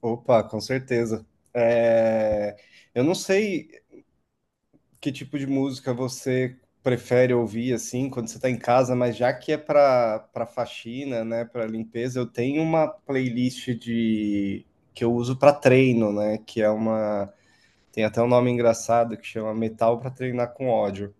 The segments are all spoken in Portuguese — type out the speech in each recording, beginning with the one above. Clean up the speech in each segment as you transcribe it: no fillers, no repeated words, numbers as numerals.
Opa, com certeza. É, eu não sei que tipo de música você prefere ouvir assim quando você está em casa, mas já que é para faxina, né, para limpeza, eu tenho uma playlist de que eu uso para treino, né, que é uma tem até um nome engraçado que chama Metal para treinar com ódio.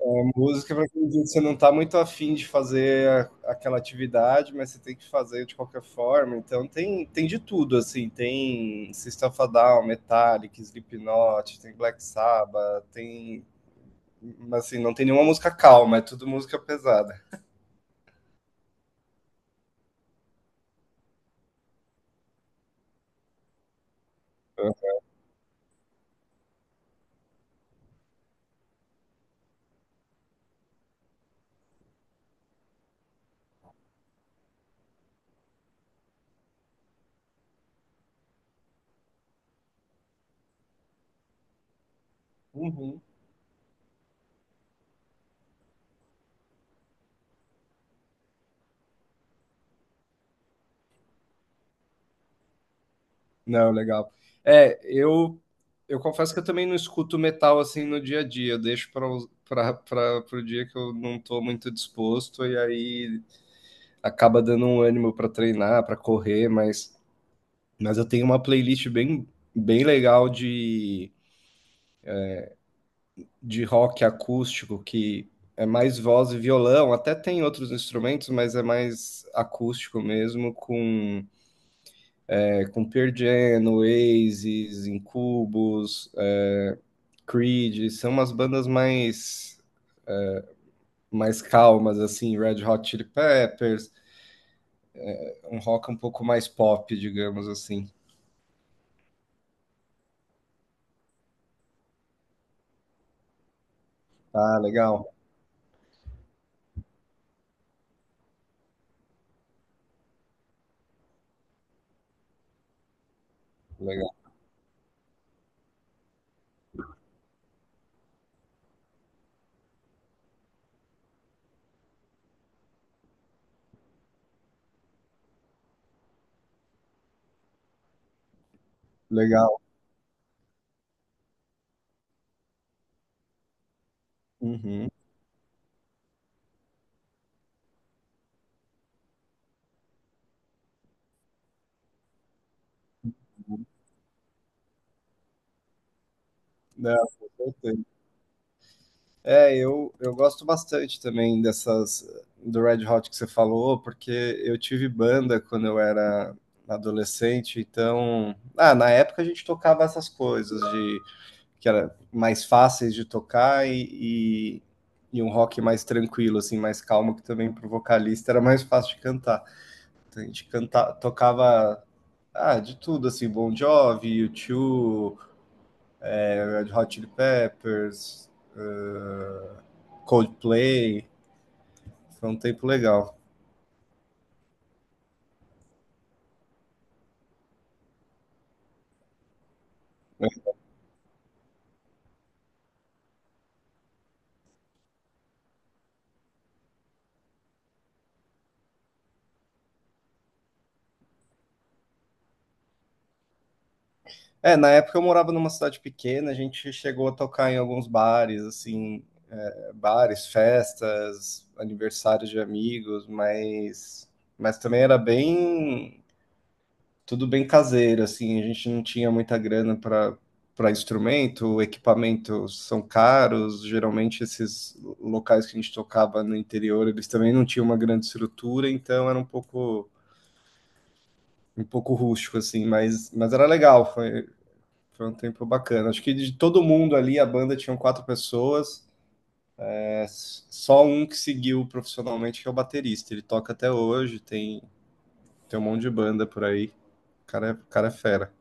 É, música para aquele dia que você não está muito afim de fazer a aquela atividade, mas você tem que fazer de qualquer forma, então tem de tudo, assim, tem System of a Down, Metallica, Slipknot, tem Black Sabbath, tem mas, assim, não tem nenhuma música calma, é tudo música pesada. Uhum. Não, legal. É, eu confesso que eu também não escuto metal, assim, no dia a dia, eu deixo para pra para o dia que eu não estou muito disposto, e aí acaba dando um ânimo para treinar, para correr, mas eu tenho uma playlist bem, bem legal de rock acústico, que é mais voz e violão, até tem outros instrumentos, mas é mais acústico mesmo, com Pearl Jam, Oasis, Incubus, Creed, são umas bandas mais calmas, assim, Red Hot Chili Peppers, um rock um pouco mais pop, digamos assim. Ah, legal, legal, legal. Uhum. Não, com certeza. É, eu gosto bastante também dessas do Red Hot que você falou, porque eu tive banda quando eu era adolescente, então, ah, na época a gente tocava essas coisas de que era mais fáceis de tocar e, e um rock mais tranquilo, assim, mais calmo, que também pro vocalista era mais fácil de cantar. Então, a gente tocava ah, de tudo, assim, Bon Jovi, U2, Red Hot Chili Peppers, Coldplay. Foi um tempo legal. É, na época eu morava numa cidade pequena, a gente chegou a tocar em alguns bares, assim, bares, festas, aniversários de amigos, mas também era bem, tudo bem caseiro, assim, a gente não tinha muita grana para instrumento, equipamentos são caros, geralmente esses locais que a gente tocava no interior, eles também não tinham uma grande estrutura, então era um pouco rústico assim, mas era legal. Foi um tempo bacana. Acho que de todo mundo ali, a banda tinha quatro pessoas. É, só um que seguiu profissionalmente, que é o baterista. Ele toca até hoje, tem um monte de banda por aí. O cara é fera.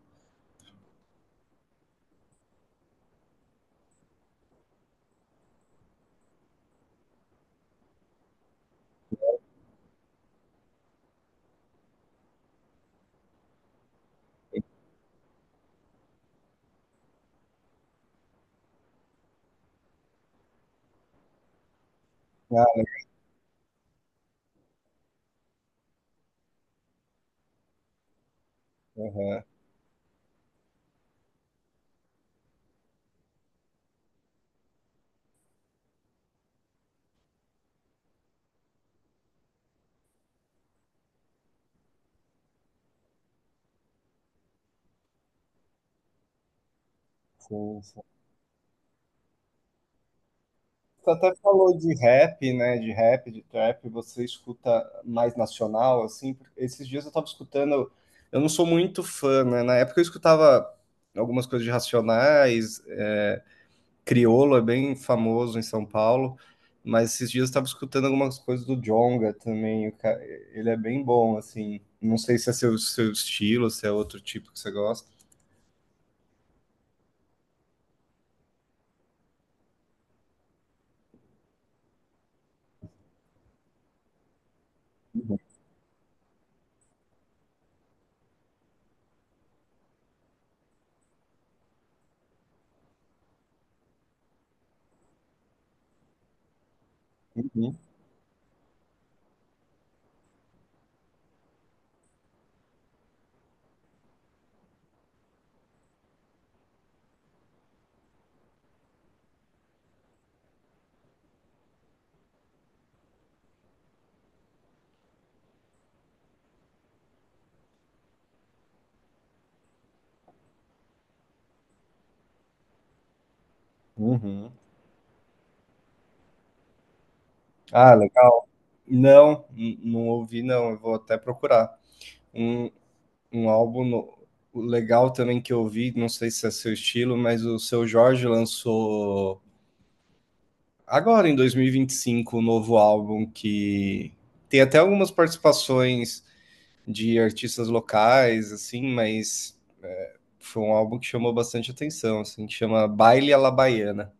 Ah, aham, sim, sim. Você até falou de rap, né? De rap, de trap, você escuta mais nacional, assim. Esses dias eu tava escutando. Eu não sou muito fã, né? Na época eu escutava algumas coisas de Racionais, Criolo é bem famoso em São Paulo, mas esses dias eu estava escutando algumas coisas do Djonga também. Ele é bem bom, assim. Não sei se é seu estilo, se é outro tipo que você gosta. Uhum, uhum. Ah, legal. Não, não ouvi, não. Eu vou até procurar. Um, um álbum legal também que eu ouvi, não sei se é seu estilo, mas o Seu Jorge lançou agora em dois mil e vinte e cinco um novo álbum que tem até algumas participações de artistas locais, assim, mas é, foi um álbum que chamou bastante atenção, assim, que chama Baile à la Baiana.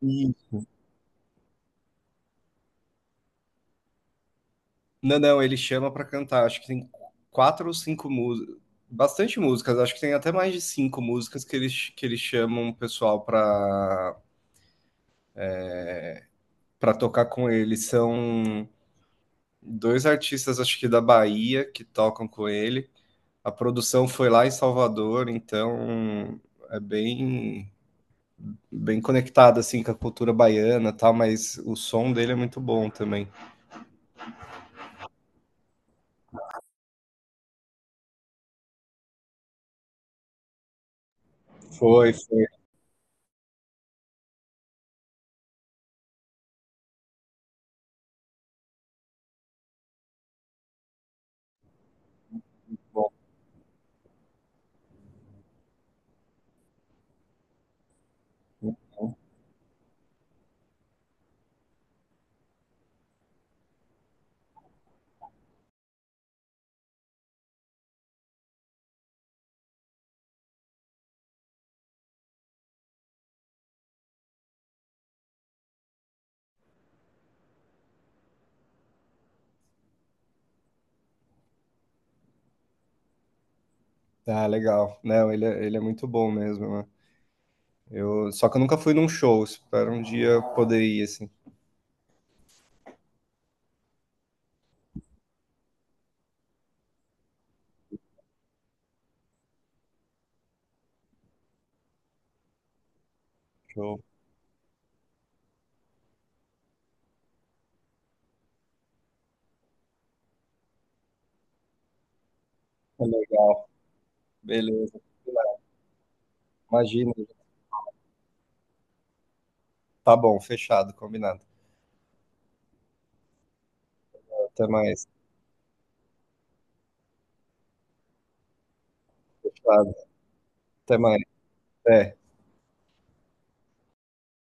E Não, não, ele chama para cantar, acho que tem quatro ou cinco músicas, bastante músicas, acho que tem até mais de cinco músicas que eles, chamam o pessoal para tocar com ele. São dois artistas, acho que da Bahia, que tocam com ele. A produção foi lá em Salvador, então é bem conectado assim com a cultura baiana, e tal, mas o som dele é muito bom também. Foi bom. Ah, legal. Não, ele é muito bom mesmo, né? Só que eu nunca fui num show, espero um dia poder ir assim. Show. Beleza. Imagina. Tá bom, fechado, combinado. Até mais. Fechado. Até mais. É.